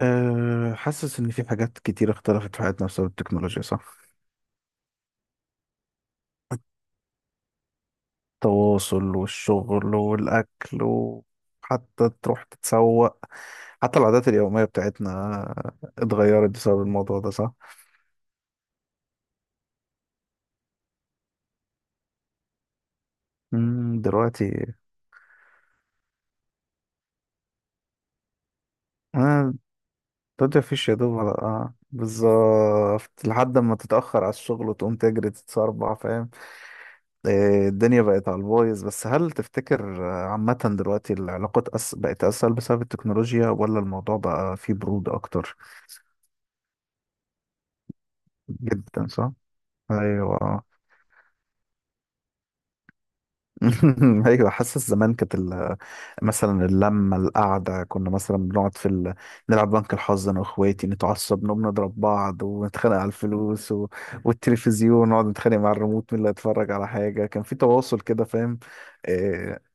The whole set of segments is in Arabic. حاسس إن في حاجات كتير اختلفت في حياتنا بسبب التكنولوجيا، صح؟ التواصل والشغل والأكل، وحتى تروح تتسوق. حتى العادات اليومية بتاعتنا اتغيرت بسبب الموضوع ده، صح؟ دلوقتي. آه دلوقتي مفيش يا دوب، ولا بالظبط لحد ما تتأخر على الشغل وتقوم تجري تتسربع، فاهم؟ الدنيا بقت على البايظ. بس هل تفتكر عامة دلوقتي العلاقات بقت أسهل بسبب التكنولوجيا، ولا الموضوع بقى فيه برود أكتر؟ جدا، صح. ايوه. ايوه، حاسس زمان كانت مثلا اللمه القعده، كنا مثلا بنقعد في نلعب بنك الحظ انا واخواتي، نتعصب، نقوم نضرب بعض ونتخانق على الفلوس والتلفزيون، نقعد نتخانق مع الريموت مين اللي هيتفرج على حاجه. كان في تواصل كده، فاهم. إيه...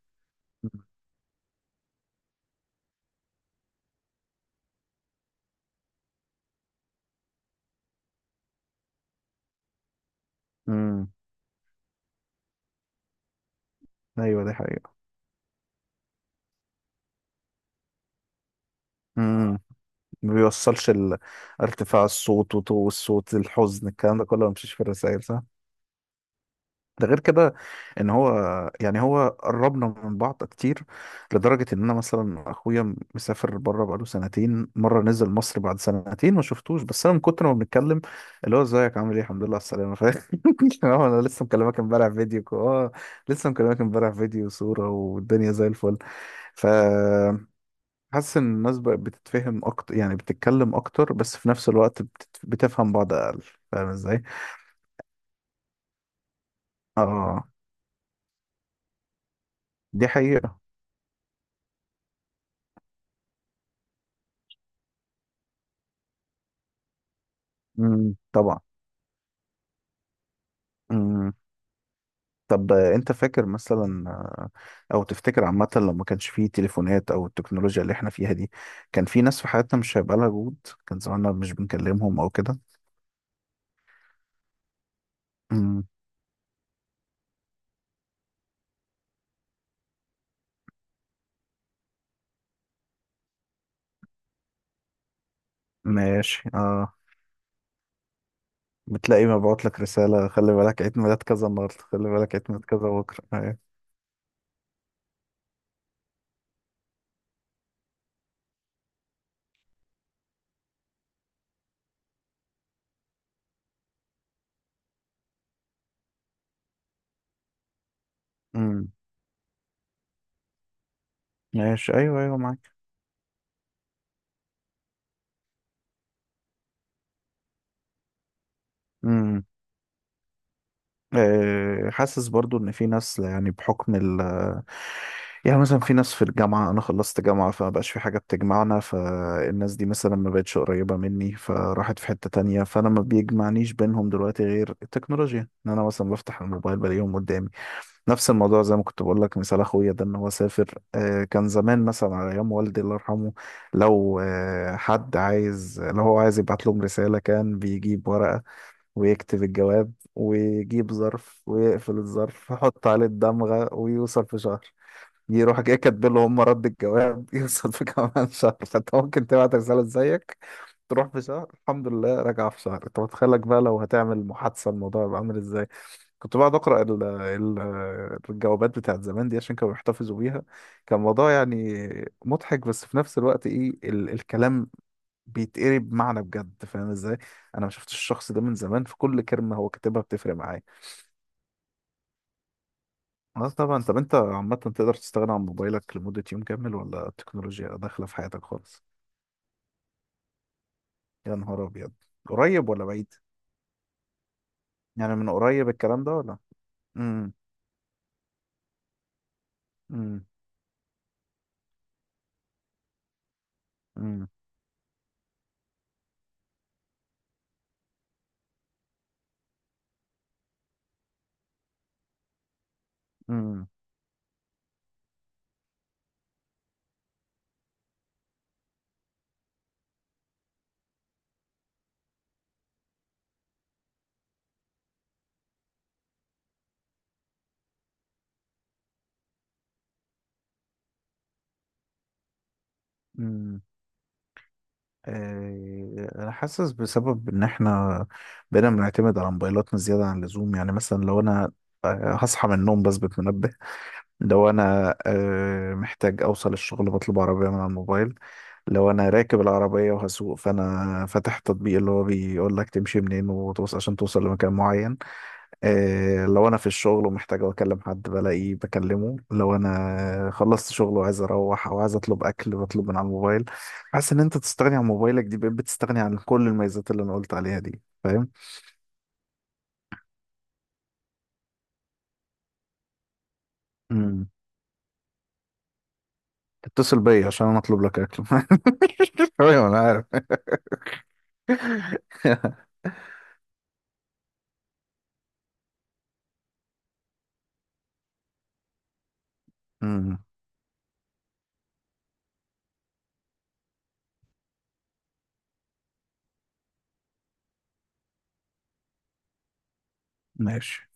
امم. ايوه دي حقيقه. امم ما بيوصلش ارتفاع الصوت وطو الصوت الحزن، الكلام ده كله ما بيمشيش في الرسائل، صح. ده غير كده، ان هو، يعني هو قربنا من بعض كتير لدرجة ان انا مثلا اخويا مسافر بره بقاله سنتين، مرة نزل مصر بعد سنتين ما شفتوش، بس انا من كتر ما بنتكلم اللي هو ازيك عامل ايه الحمد لله على السلامة، فاهم. هو انا لسه مكلمك امبارح فيديو لسه مكلمك امبارح فيديو وصورة والدنيا زي الفل. ف حاسس ان الناس بقت بتتفهم اكتر، يعني بتتكلم اكتر، بس في نفس الوقت بتفهم بعض اقل. فاهم ازاي؟ اه دي حقيقة. طبعا. مم. طب انت فاكر مثلا او تفتكر عامة لو ما كانش فيه تليفونات او التكنولوجيا اللي احنا فيها دي، كان في ناس في حياتنا مش هيبقى لها وجود. كان زماننا مش بنكلمهم او كده. مم. ماشي اه. بتلاقي مبعوت لك رسالة: خلي بالك عيد ميلاد كذا النهاردة، خلي بالك عيد ميلاد كذا بكرة. ايوه. مم. ماشي ايوه ايوه معاك. حاسس برضو ان في ناس، يعني بحكم يعني مثلا في ناس في الجامعة. أنا خلصت جامعة فما بقاش في حاجة بتجمعنا، فالناس دي مثلا ما بقتش قريبة مني، فراحت في حتة تانية، فأنا ما بيجمعنيش بينهم دلوقتي غير التكنولوجيا، إن أنا مثلا بفتح الموبايل بلاقيهم قدامي. نفس الموضوع زي ما كنت بقول لك مثال أخويا ده، إن هو سافر. كان زمان مثلا على أيام والدي الله يرحمه، لو حد عايز، لو هو عايز يبعت لهم رسالة، كان بيجيب ورقة ويكتب الجواب ويجيب ظرف ويقفل الظرف، يحط عليه الدمغة ويوصل في شهر. يروح جاي كاتب له هم رد الجواب يوصل في كمان شهر. فانت ممكن تبعت رسالة زيك تروح في شهر، الحمد لله راجعة في شهر. انت متخيلك بقى لو هتعمل محادثة الموضوع يبقى عامل ازاي. كنت بقعد اقرا ال ال الجوابات بتاعت زمان دي عشان كانوا بيحتفظوا بيها. كان موضوع يعني مضحك، بس في نفس الوقت ايه الكلام بيتقري بمعنى بجد، فاهم ازاي. انا ما شفتش الشخص ده من زمان، فكل كلمه هو كاتبها بتفرق معايا. اه طبعا. طب انت عامه تقدر تستغنى عن موبايلك لمده يوم كامل، ولا التكنولوجيا داخله في حياتك خالص؟ يا نهار ابيض. قريب ولا بعيد؟ يعني من قريب الكلام ده ولا؟ امم. امم. امم. امم. امم. انا حاسس بسبب ان احنا بقينا بنعتمد على موبايلاتنا زياده عن اللزوم. يعني مثلا لو انا هصحى من النوم بثبت منبه. لو انا محتاج اوصل الشغل بطلب عربية من على الموبايل. لو انا راكب العربية وهسوق، فانا فاتح التطبيق اللي هو بيقول لك تمشي منين وتوصل عشان توصل لمكان معين. لو انا في الشغل ومحتاج اكلم حد بلاقيه بكلمه. لو انا خلصت شغل وعايز اروح، او عايز اطلب اكل بطلب من على الموبايل. حاسس ان انت تستغني عن موبايلك دي، بقيت بتستغني عن كل الميزات اللي انا قلت عليها دي، فاهم. امم. تتصل بيا عشان انا اطلب لك اكل. ايوه انا عارف. مم. ماشي.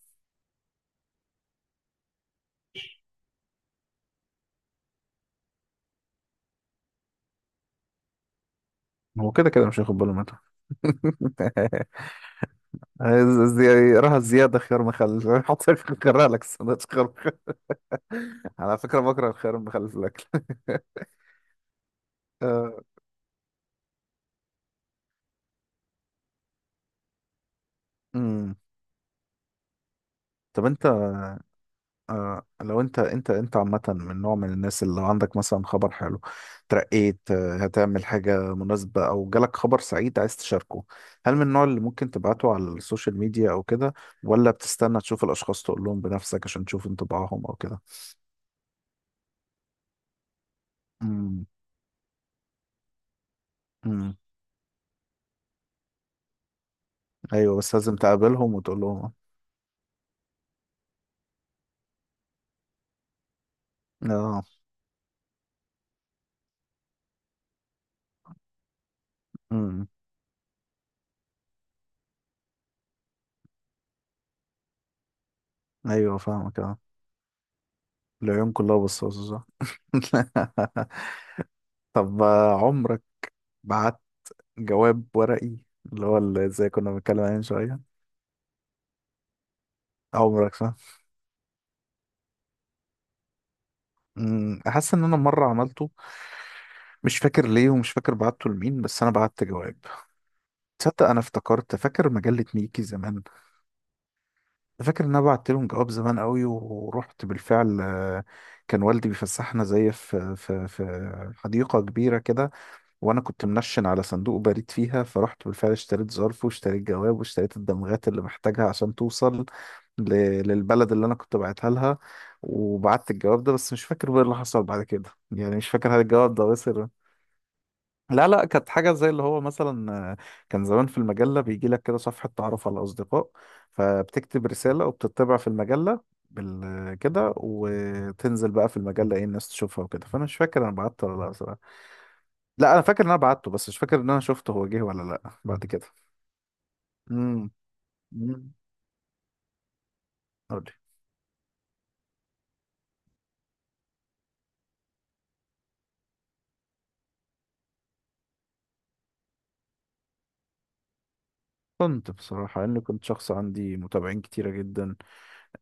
هو كده كده مش هياخد باله منها. عايز زي راحة زيادة خيار مخلل. حط خيارها لك السندوتش خيار مخلل. على فكرة بكره الخيار المخلل في الأكل. آه، أمم. طب أنت، لو أنت أنت أنت عامة من نوع من الناس اللي لو عندك مثلا خبر حلو، ترقيت، هتعمل حاجة مناسبة، أو جالك خبر سعيد عايز تشاركه، هل من النوع اللي ممكن تبعته على السوشيال ميديا أو كده، ولا بتستنى تشوف الأشخاص تقول لهم بنفسك عشان تشوف انطباعهم أو كده؟ أمم. ايوه بس لازم تقابلهم وتقول لهم. اه. امم. ايوه فاهمك اه. العيون كلها بصاصه، صح. طب عمرك بعت جواب ورقي، اللي هو اللي زي كنا بنتكلم عليه من شويه. عمرك صح. امم، حاسس ان انا مره عملته، مش فاكر ليه ومش فاكر بعته لمين، بس انا بعت جواب. تصدق انا افتكرت فاكر مجله ميكي زمان؟ فاكر ان انا بعت لهم جواب زمان قوي، ورحت بالفعل. كان والدي بيفسحنا زي في حديقه كبيره كده، وانا كنت منشن على صندوق بريد فيها، فرحت بالفعل اشتريت ظرف واشتريت جواب واشتريت الدمغات اللي محتاجها عشان توصل ل... للبلد اللي انا كنت بعتها لها، وبعت الجواب ده، بس مش فاكر بقى اللي حصل بعد كده، يعني مش فاكر هل الجواب ده وصل. لا لا، كانت حاجة زي اللي هو مثلا كان زمان في المجلة بيجي لك كده صفحة تعرف على الأصدقاء، فبتكتب رسالة وبتطبع في المجلة كده، وتنزل بقى في المجلة، ايه، الناس تشوفها وكده. فأنا مش فاكر أنا بعت ولا لا. لا انا فاكر ان انا بعته، بس مش فاكر ان انا شفته هو جه ولا لا بعد كده. امم. امم. قولي. كنت بصراحة، لأني كنت شخص عندي متابعين كتيرة جدا،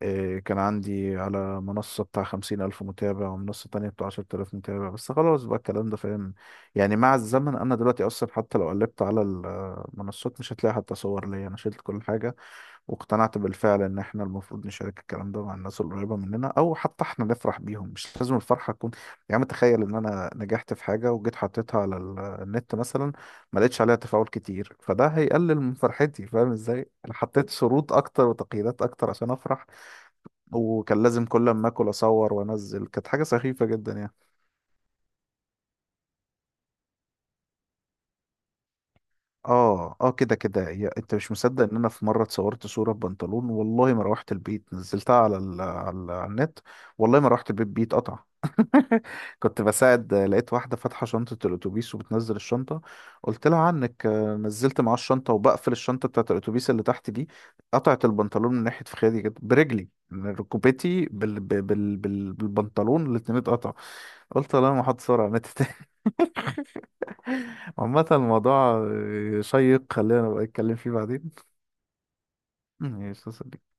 إيه، كان عندي على منصة بتاع 50,000 متابع ومنصة تانية بتاع 10,000 متابع، بس خلاص بقى الكلام ده فاهم. يعني مع الزمن، أنا دلوقتي أصلا حتى لو قلبت على المنصات مش هتلاقي حتى صور ليا، أنا شلت كل حاجة. واقتنعت بالفعل ان احنا المفروض نشارك الكلام ده مع الناس القريبه مننا، او حتى احنا نفرح بيهم، مش لازم الفرحه تكون. يا عم، تخيل ان انا نجحت في حاجه وجيت حطيتها على النت مثلا، ما لقيتش عليها تفاعل كتير، فده هيقلل من فرحتي، فاهم ازاي. انا حطيت شروط اكتر وتقييدات اكتر عشان افرح. وكان لازم كل ما اكل اصور وانزل، كانت حاجه سخيفه جدا يعني. اه، اه كده كده، انت مش مصدق ان انا في مره اتصورت صوره ببنطلون، والله ما روحت البيت نزلتها على النت. والله ما روحت البيت، بيت قطع. كنت بساعد، لقيت واحده فاتحه شنطه الاتوبيس وبتنزل الشنطه، قلت لها عنك، نزلت معاه الشنطه وبقفل الشنطه بتاعه الاتوبيس اللي تحت دي، قطعت البنطلون من ناحيه فخادي كده برجلي، من ركبتي بالبنطلون، الاتنين اتقطع. قلت لا، ما حد صورة نت. عامة الموضوع شيق، خلينا نبقى نتكلم فيه بعدين. ماشي يا صديقي.